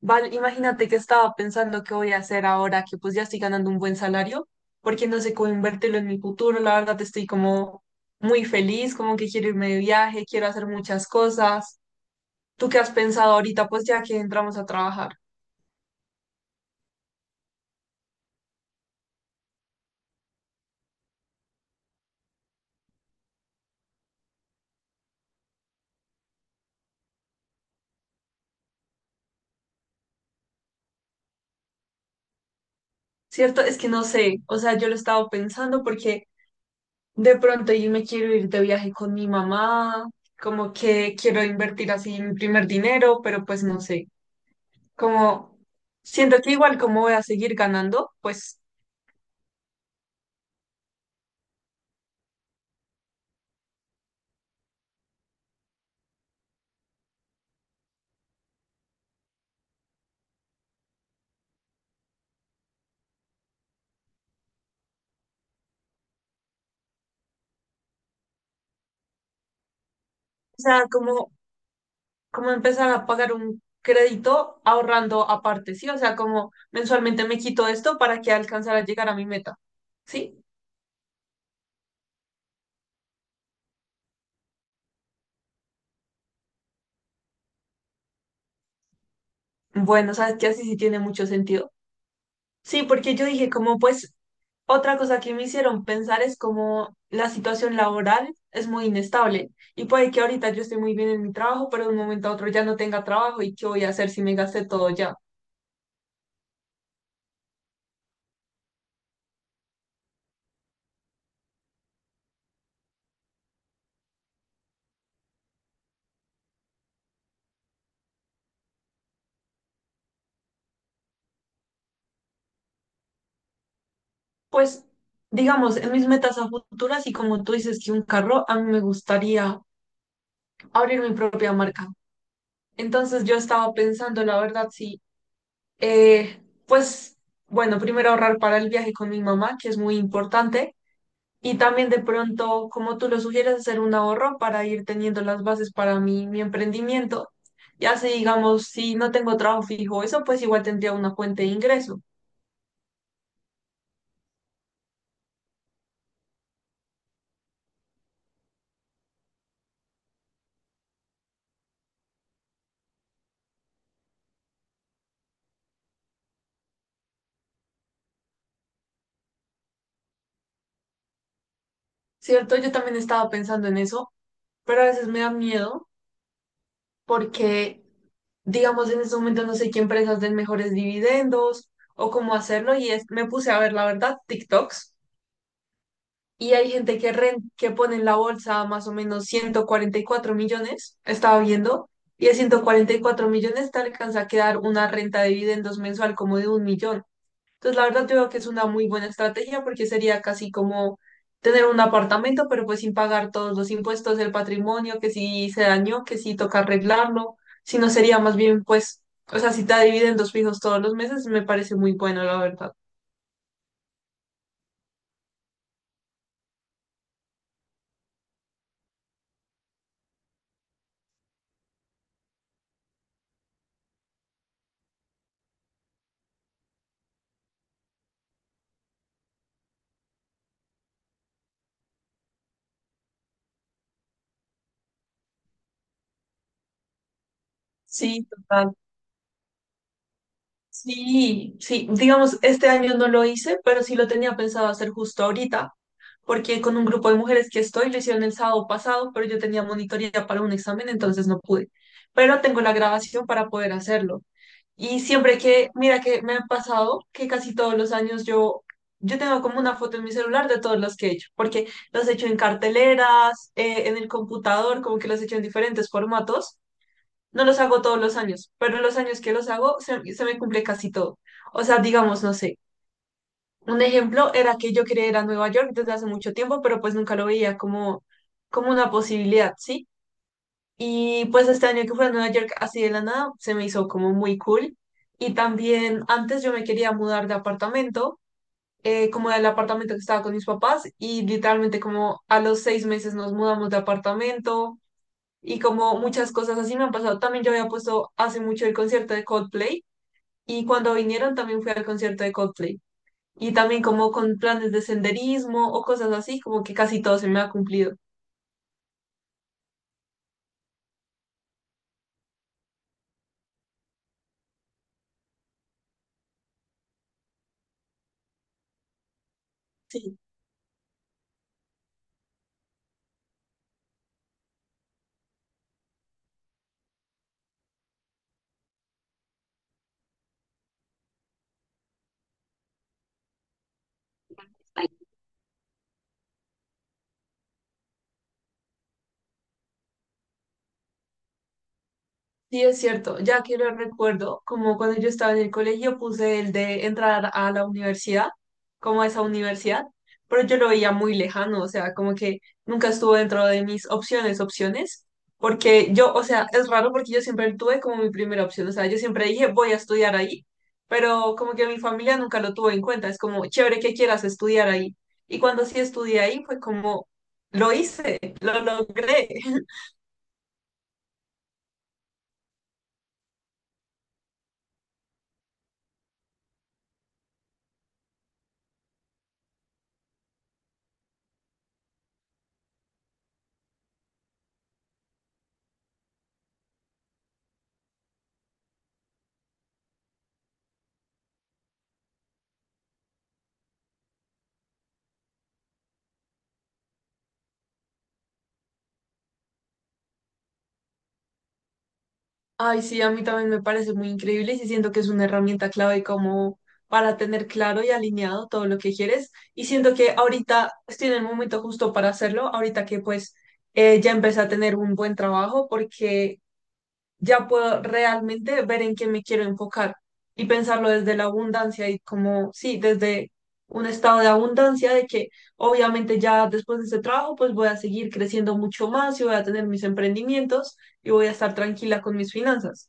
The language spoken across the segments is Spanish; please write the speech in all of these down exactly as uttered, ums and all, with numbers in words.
Val, imagínate que estaba pensando qué voy a hacer ahora que pues ya estoy ganando un buen salario, porque no sé cómo invertirlo en mi futuro. La verdad estoy como muy feliz, como que quiero irme de viaje, quiero hacer muchas cosas. ¿Tú qué has pensado ahorita? Pues ya que entramos a trabajar. ¿Cierto? Es que no sé, o sea, yo lo he estado pensando porque de pronto yo me quiero ir de viaje con mi mamá, como que quiero invertir así mi primer dinero, pero pues no sé, como siento que igual como voy a seguir ganando, pues... O sea, como como empezar a pagar un crédito ahorrando aparte, ¿sí? O sea, como mensualmente me quito esto para que alcanzar a llegar a mi meta, ¿sí? Bueno, sabes que así sí tiene mucho sentido. Sí, porque yo dije, como pues, otra cosa que me hicieron pensar es como la situación laboral es muy inestable y puede que ahorita yo esté muy bien en mi trabajo, pero de un momento a otro ya no tenga trabajo y qué voy a hacer si me gasté todo ya. Pues, digamos, en mis metas a futuras y como tú dices que un carro, a mí me gustaría abrir mi propia marca. Entonces yo estaba pensando, la verdad, sí, eh, pues bueno, primero ahorrar para el viaje con mi mamá, que es muy importante, y también de pronto, como tú lo sugieres, hacer un ahorro para ir teniendo las bases para mi, mi emprendimiento. Ya si digamos, si no tengo trabajo fijo, eso pues igual tendría una fuente de ingreso, ¿cierto? Yo también estaba pensando en eso, pero a veces me da miedo porque, digamos, en este momento no sé qué empresas den mejores dividendos o cómo hacerlo, y es, me puse a ver, la verdad, TikToks. Y hay gente que, ren- que pone en la bolsa más o menos ciento cuarenta y cuatro millones, estaba viendo, y de ciento cuarenta y cuatro millones te alcanza a quedar una renta de dividendos mensual como de un millón. Entonces, la verdad, yo creo que es una muy buena estrategia porque sería casi como tener un apartamento, pero pues sin pagar todos los impuestos del patrimonio, que si se dañó, que si toca arreglarlo, si no sería más bien, pues, o sea, si te da dividendos fijos todos los meses, me parece muy bueno, la verdad. Sí, total. Sí, sí, digamos, este año no lo hice, pero sí lo tenía pensado hacer justo ahorita, porque con un grupo de mujeres que estoy lo hicieron el sábado pasado, pero yo tenía monitoría para un examen, entonces no pude. Pero tengo la grabación para poder hacerlo. Y siempre que, mira que me ha pasado que casi todos los años yo, yo tengo como una foto en mi celular de todos los que he hecho, porque los he hecho en carteleras, eh, en el computador, como que los he hecho en diferentes formatos No los hago todos los años, pero los años que los hago se, se me cumple casi todo. O sea, digamos, no sé. Un ejemplo era que yo quería ir a Nueva York desde hace mucho tiempo, pero pues nunca lo veía como, como una posibilidad, ¿sí? Y pues este año que fui a Nueva York así de la nada, se me hizo como muy cool. Y también antes yo me quería mudar de apartamento, eh, como del apartamento que estaba con mis papás, y literalmente como a los seis meses nos mudamos de apartamento y como muchas cosas así me han pasado. También yo había puesto hace mucho el concierto de Coldplay y cuando vinieron también fui al concierto de Coldplay. Y también como con planes de senderismo o cosas así, como que casi todo se me ha cumplido. Sí, es cierto, ya que lo recuerdo, como cuando yo estaba en el colegio puse el de entrar a la universidad, como a esa universidad, pero yo lo veía muy lejano, o sea, como que nunca estuvo dentro de mis opciones, opciones, porque yo, o sea, es raro porque yo siempre tuve como mi primera opción, o sea, yo siempre dije voy a estudiar ahí, pero como que mi familia nunca lo tuvo en cuenta, es como chévere que quieras estudiar ahí, y cuando sí estudié ahí fue como lo hice, lo logré. Ay, sí, a mí también me parece muy increíble y sí siento que es una herramienta clave como para tener claro y alineado todo lo que quieres. Y siento que ahorita estoy en el momento justo para hacerlo, ahorita que pues eh, ya empecé a tener un buen trabajo porque ya puedo realmente ver en qué me quiero enfocar y pensarlo desde la abundancia y como, sí, desde un estado de abundancia de que obviamente ya después de este trabajo pues voy a seguir creciendo mucho más y voy a tener mis emprendimientos y voy a estar tranquila con mis finanzas.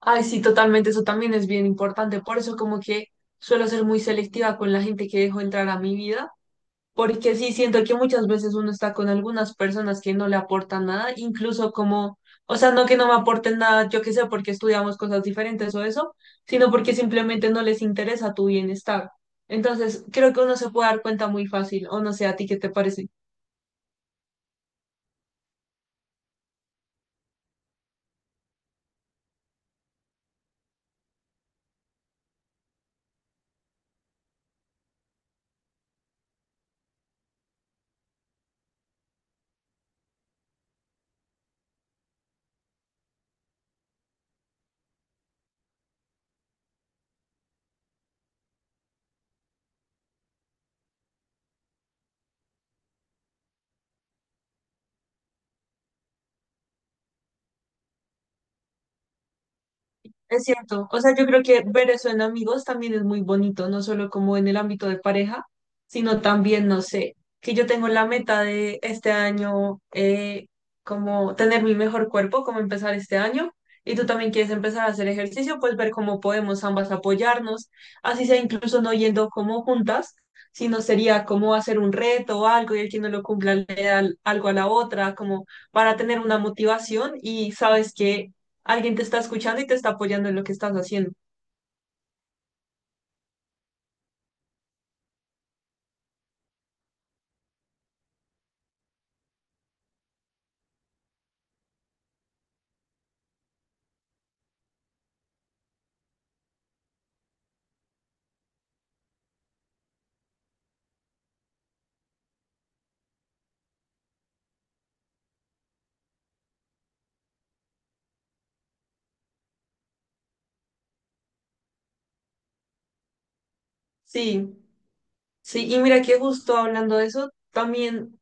Ay, sí, totalmente, eso también es bien importante. Por eso como que suelo ser muy selectiva con la gente que dejo entrar a mi vida, porque sí siento que muchas veces uno está con algunas personas que no le aportan nada, incluso como, o sea, no que no me aporten nada, yo qué sé, porque estudiamos cosas diferentes o eso, sino porque simplemente no les interesa tu bienestar. Entonces, creo que uno se puede dar cuenta muy fácil, o no sé, ¿a ti qué te parece? Es cierto, o sea, yo creo que ver eso en amigos también es muy bonito, no solo como en el ámbito de pareja, sino también, no sé, que yo tengo la meta de este año, eh, como tener mi mejor cuerpo, como empezar este año, y tú también quieres empezar a hacer ejercicio, pues ver cómo podemos ambas apoyarnos, así sea incluso no yendo como juntas, sino sería como hacer un reto o algo y el que no lo cumpla le da algo a la otra, como para tener una motivación y sabes que Alguien te está escuchando y te está apoyando en lo que estás haciendo. Sí, sí, y mira que justo hablando de eso, también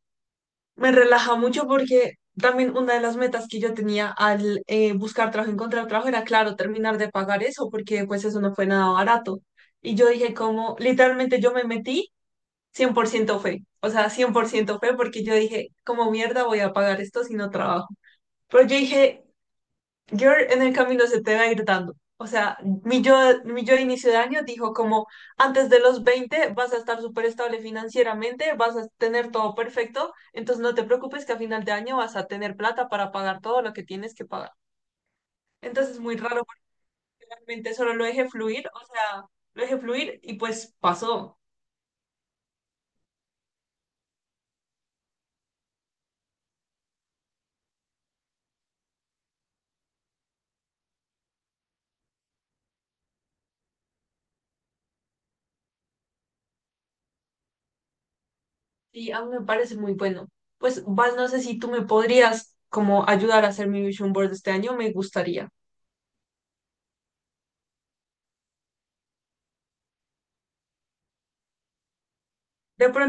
me relaja mucho porque también una de las metas que yo tenía al eh, buscar trabajo, encontrar trabajo, era, claro, terminar de pagar eso, porque pues eso no fue nada barato. Y yo dije como, literalmente yo me metí, cien por ciento fe, o sea, cien por ciento fe porque yo dije, como mierda voy a pagar esto si no trabajo. Pero yo dije, Girl en el camino se te va a ir dando. O sea, mi yo, mi yo de inicio de año dijo como antes de los veinte vas a estar súper estable financieramente, vas a tener todo perfecto, entonces no te preocupes que a final de año vas a tener plata para pagar todo lo que tienes que pagar. Entonces es muy raro, porque realmente solo lo dejé fluir, o sea, lo dejé fluir y pues pasó. Y a mí me parece muy bueno. Pues Val, no sé si tú me podrías como ayudar a hacer mi vision board este año, me gustaría. De pronto